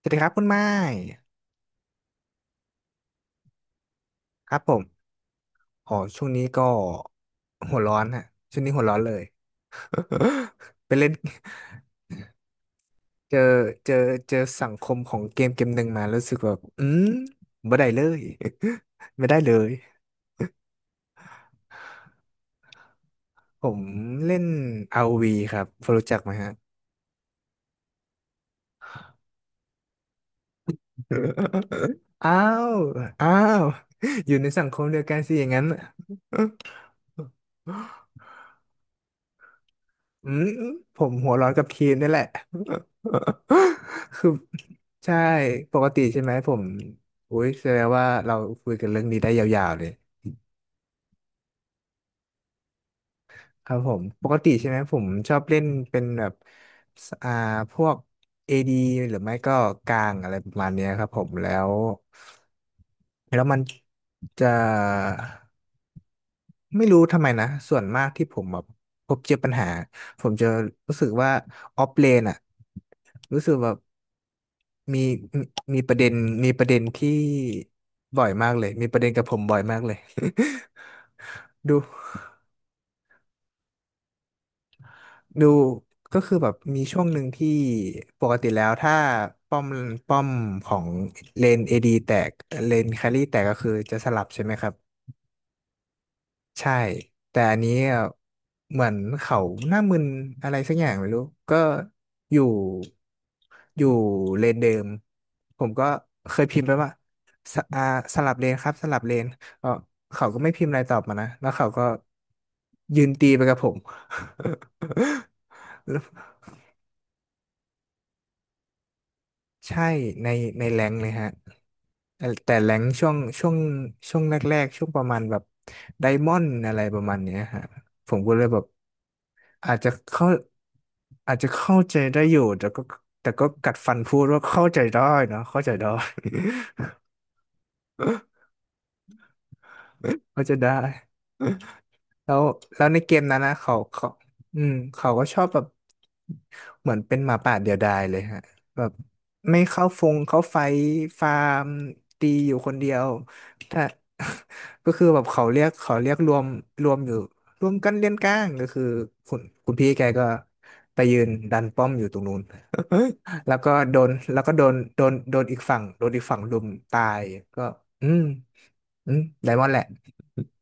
สวัสดีครับคุณไม้ครับผมอ๋อช่วงนี้ก็หัวร้อนฮะช่วงนี้หัวร้อนเลย ไปเล่นเจอเจอเจอสังคมของเกมเกมหนึ่งมารู้สึกแบบไม่ได้เลย ไม่ได้เลยผมเล่น ROV ครับพอรู้จักไหมฮะ อ้าวอ้าวอยู่ในสังคมเดียวกันสิอย่างนั้น อืมผมหัวร้อนกับทีมนี่แหละ คือใช่ปกติใช่ไหมผมอุ้ยแสดงว่าเราคุยกันเรื่องนี้ได้ยาวๆเลยครับผมปกติใช่ไหมผมชอบเล่นเป็นแบบสอ่าพวก AD หรือไม่ก็กลางอะไรประมาณเนี้ยครับผมแล้วแล้วมันจะ ไม่รู้ทำไมนะส่วนมากที่ผมแบบพบเจอปัญหาผมจะรู้สึกว่าออฟเลนอะรู้สึกแบบมีมีมีประเด็นมีประเด็นที่บ่อยมากเลยมีประเด็นกับผมบ่อยมากเลย ดูดูก็คือแบบมีช่วงหนึ่งที่ปกติแล้วถ้าป้อมป้อมของเลนเอดีแตกเลนแครี่แตกก็คือจะสลับใช่ไหมครับ ใช่แต่อันนี้อ่ะเหมือนเขาหน้ามึนอะไรสักอย่างไม่รู้ก็อยู่อยู่เลนเดิมผมก็เคยพิมพ์ไปว่าสอ่าสลับเลนครับสลับเลนเออเขาก็ไม่พิมพ์อะไรตอบมานะแล้วเขาก็ยืนตีไปกับผม ใช่ในในแรงค์เลยฮะแต่แรงค์ช่วงแรกๆช่วงประมาณแบบไดมอนด์อะไรประมาณเนี้ยฮะผมก็เลยแบบ อาจจะเข้าอาจจะเข้าใจได้อยู่แต่ก็แต่ก็กัดฟันพูดว่าเข้าใจได้เนอะเข้าใจได้ เข้าใจได้ แล้วแล้วในเกมนั้นนะเขาเขาก็ชอบแบบเหมือนเป็นหมาป่าเดียวดายเลยฮะแบบไม่เข้าฟงเข้าไฟฟาร์มตีอยู่คนเดียวถ้า ก็คือแบบเขาเรียกเขาเรียกรวมรวมอยู่รวมกันเลี้ยงก้างก็คือคุณพี่แกก็ไปยืนดันป้อมอยู่ตรงนู้น แล้วก็โดนแล้วก็โดนอีกฝั่งรุมตายก็อืมอืมไดมอนด์แหละ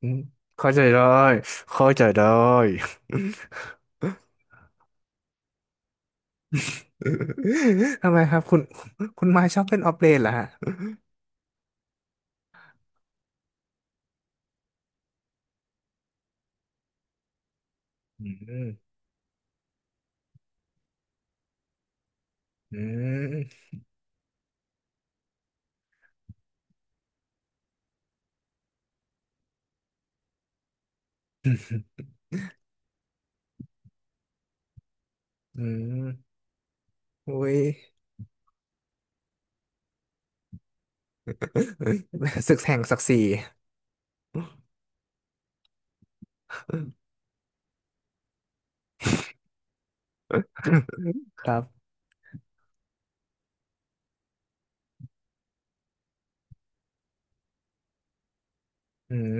อืมเข้าใจได้เข้าใจได้ ทำไมครับคุณไม้ชอบเล่นออฟเลนเหรอฮะอืมอืมอืมอุ้ย ศึกแห่งศักดิ์ศรีครับอืม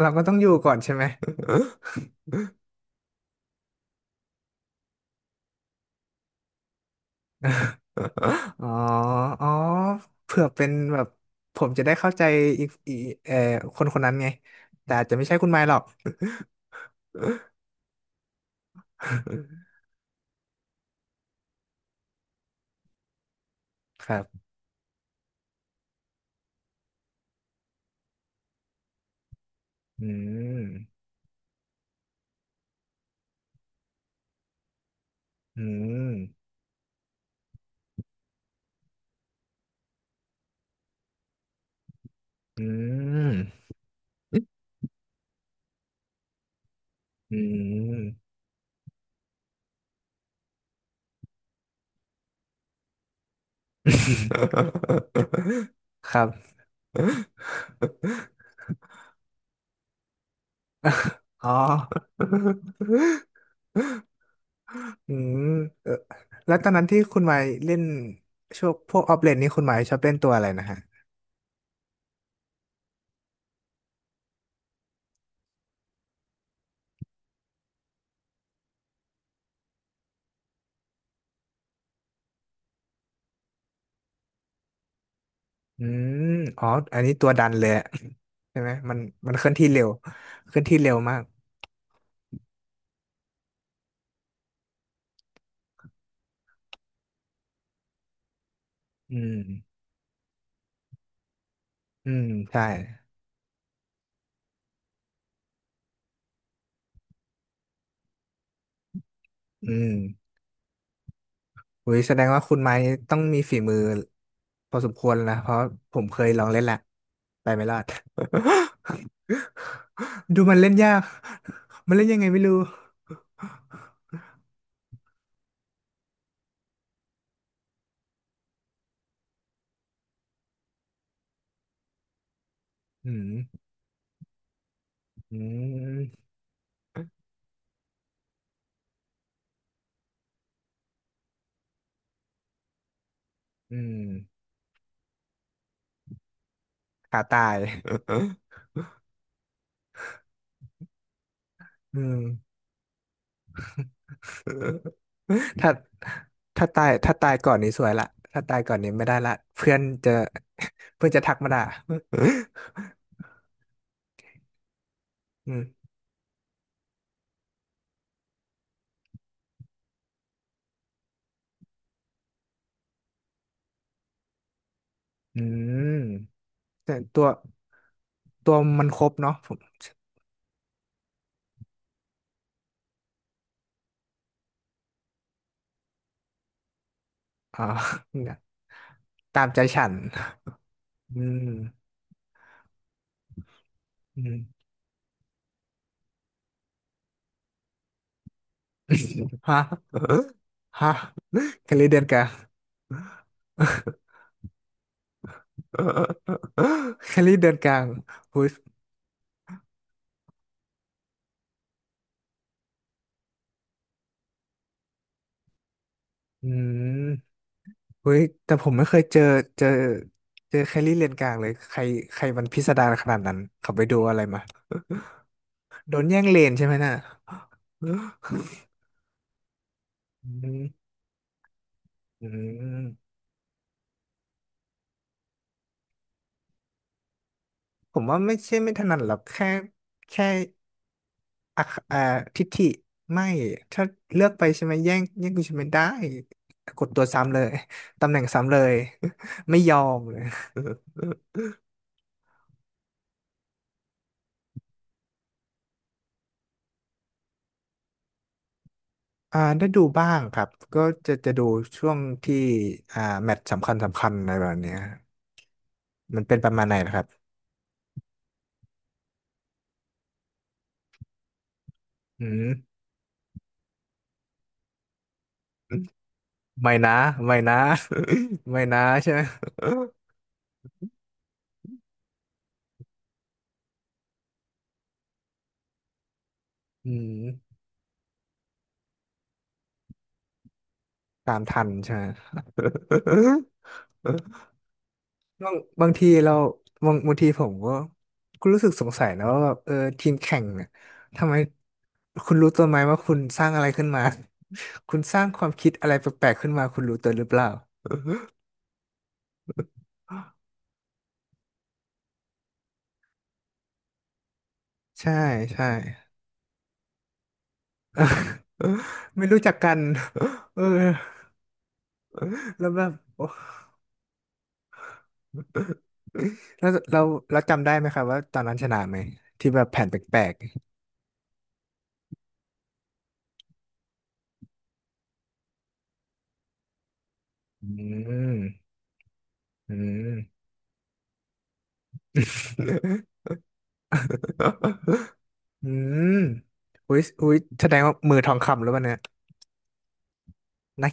เราก็ต้องอยู่ก่อนใช่ไหม อ๋ออ๋อเผื่อเป็นแบบผมจะได้เข้าใจอีกอีเอ่อคนคนนั้นไง แต่อาจจะไม่ใช่คุณไม้หรอก ครับอืมอืมอืม อืม ครับ อ๋ออืมเออแล้วตอนนั้นที่คุณหมายเล่นช่วงพวกออฟเลนนี่คุณหมายชอบเล่นตัวอะไรนะฮะอืมอ๋ออันนี้ตัวดันเลยอะ ใช่ไหมมันเคลื่อนที่เร็วเคลื่อนที่เร็วมาก อืมอืมใช่ อืมอุ้ยแสดงว่าคุณไม้ต้องมีฝีมือพอสมควรแล้วนะเพราะผมเคยลองเล่นแหละไปไม่รอด ดูมันเล่นยาก มันเล่นยังไงไม่รู้อืมอืมอืมขาตาย อืมถ้าถ้าตาย ถ้าตายก่อนนี้สวยละถ้าตายก่อนนี้ไม่ได้ละเพื่อนจะ เพื่อนจะทักมาด่า อืมอืมแต่ตัว ตัวมันครบเนาะผมอ๋อเนี่ยตามใจฉันอืมอืมฮะ ฮะกะลิเดือนกะ แครี่เดินกลางหุยอืมหุยแต่ผมไม่เคยเจอเจอแครี่เลนกลางเลย ใครใครมันพิสดารขนาดนั้นเขาไปดูอะไรมาโดนแย่งเลนใช่ไหมน่ะ อืมอืมผมว่าไม่ใช่ไม่ถนัดหรอกแค่แค่อักอ่าทิฐิไม่ ถ้าเลือกไปใช่ไหมแย่งกูใช่ไหมได้ กดตัวซ้ำเลย ตำแหน่งซ้ำเลย ไม่ยอมเลย อ่าได้ดูบ้างครับก็จะดูช่วงที่อ่าแมตช์สำคัญอะไรแบบเนี้ยมันเป็นประมาณไหนนะครับอืมไม่นะไม่นะ ไม่นะใช่ไหมอืมตามทันใช่ไหม บางบางทีเราบางทีผมก็ก็รู้สึกสงสัยนะว่าแบบเออทีมแข่งเนี่ยทำไมคุณรู้ตัวไหมว่าคุณสร้างอะไรขึ้นมา คุณสร้างความคิดอะไรแปลกๆขึ้นมาคุณรู้ตัวหรือเปล่าใช่ใช่ ไม่รู้จักกัน เออแล้วแบบ โอ้แล้วเราจำได้ไหมครับว่าตอนนั้นชนะไหมที่แบบแผนแปลกๆอืมอืม อืมอุ้ยอุ้ยแสดงว่ามือทองคำแล้ววันเนี่ยนัก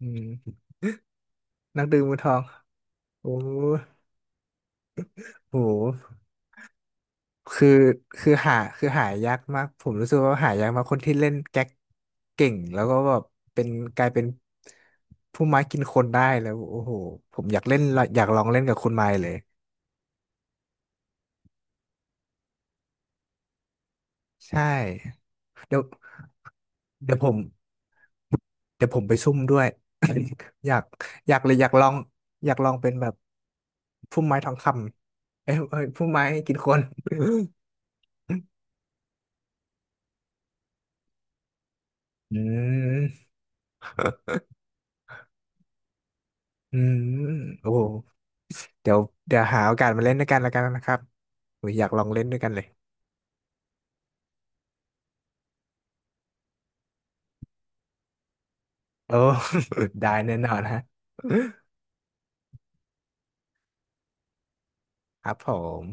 อืมนักดื่มมือทอง โอ้โห คือคือคือหายากมากผมรู้สึกว่าหายากมากคนที่เล่นแก๊กเก่งแล้วก็แบบเป็นกลายเป็นผู้ไม้กินคนได้แล้วโอ้โหผมอยากเล่นอยากลองเล่นกับคุณไม้เลยใช่เดี๋ยวเดี๋ยวผมเดี๋ยวผมไปซุ่มด้วยอยากอยากเลยอยากลองอยากลองเป็นแบบผู้ไม้ทองคำเอ้ยเอ้ยผู้ไม้กินคน อืมอืมโอ้โห เดี๋ยวเดี๋ยวหาโอกาสมาเล่นด้วยกันแล้วกันนะครับอุ๊ยอยากลองเล่นด้วยกันเลยโอ้ ได้แน่นอนฮะครับผม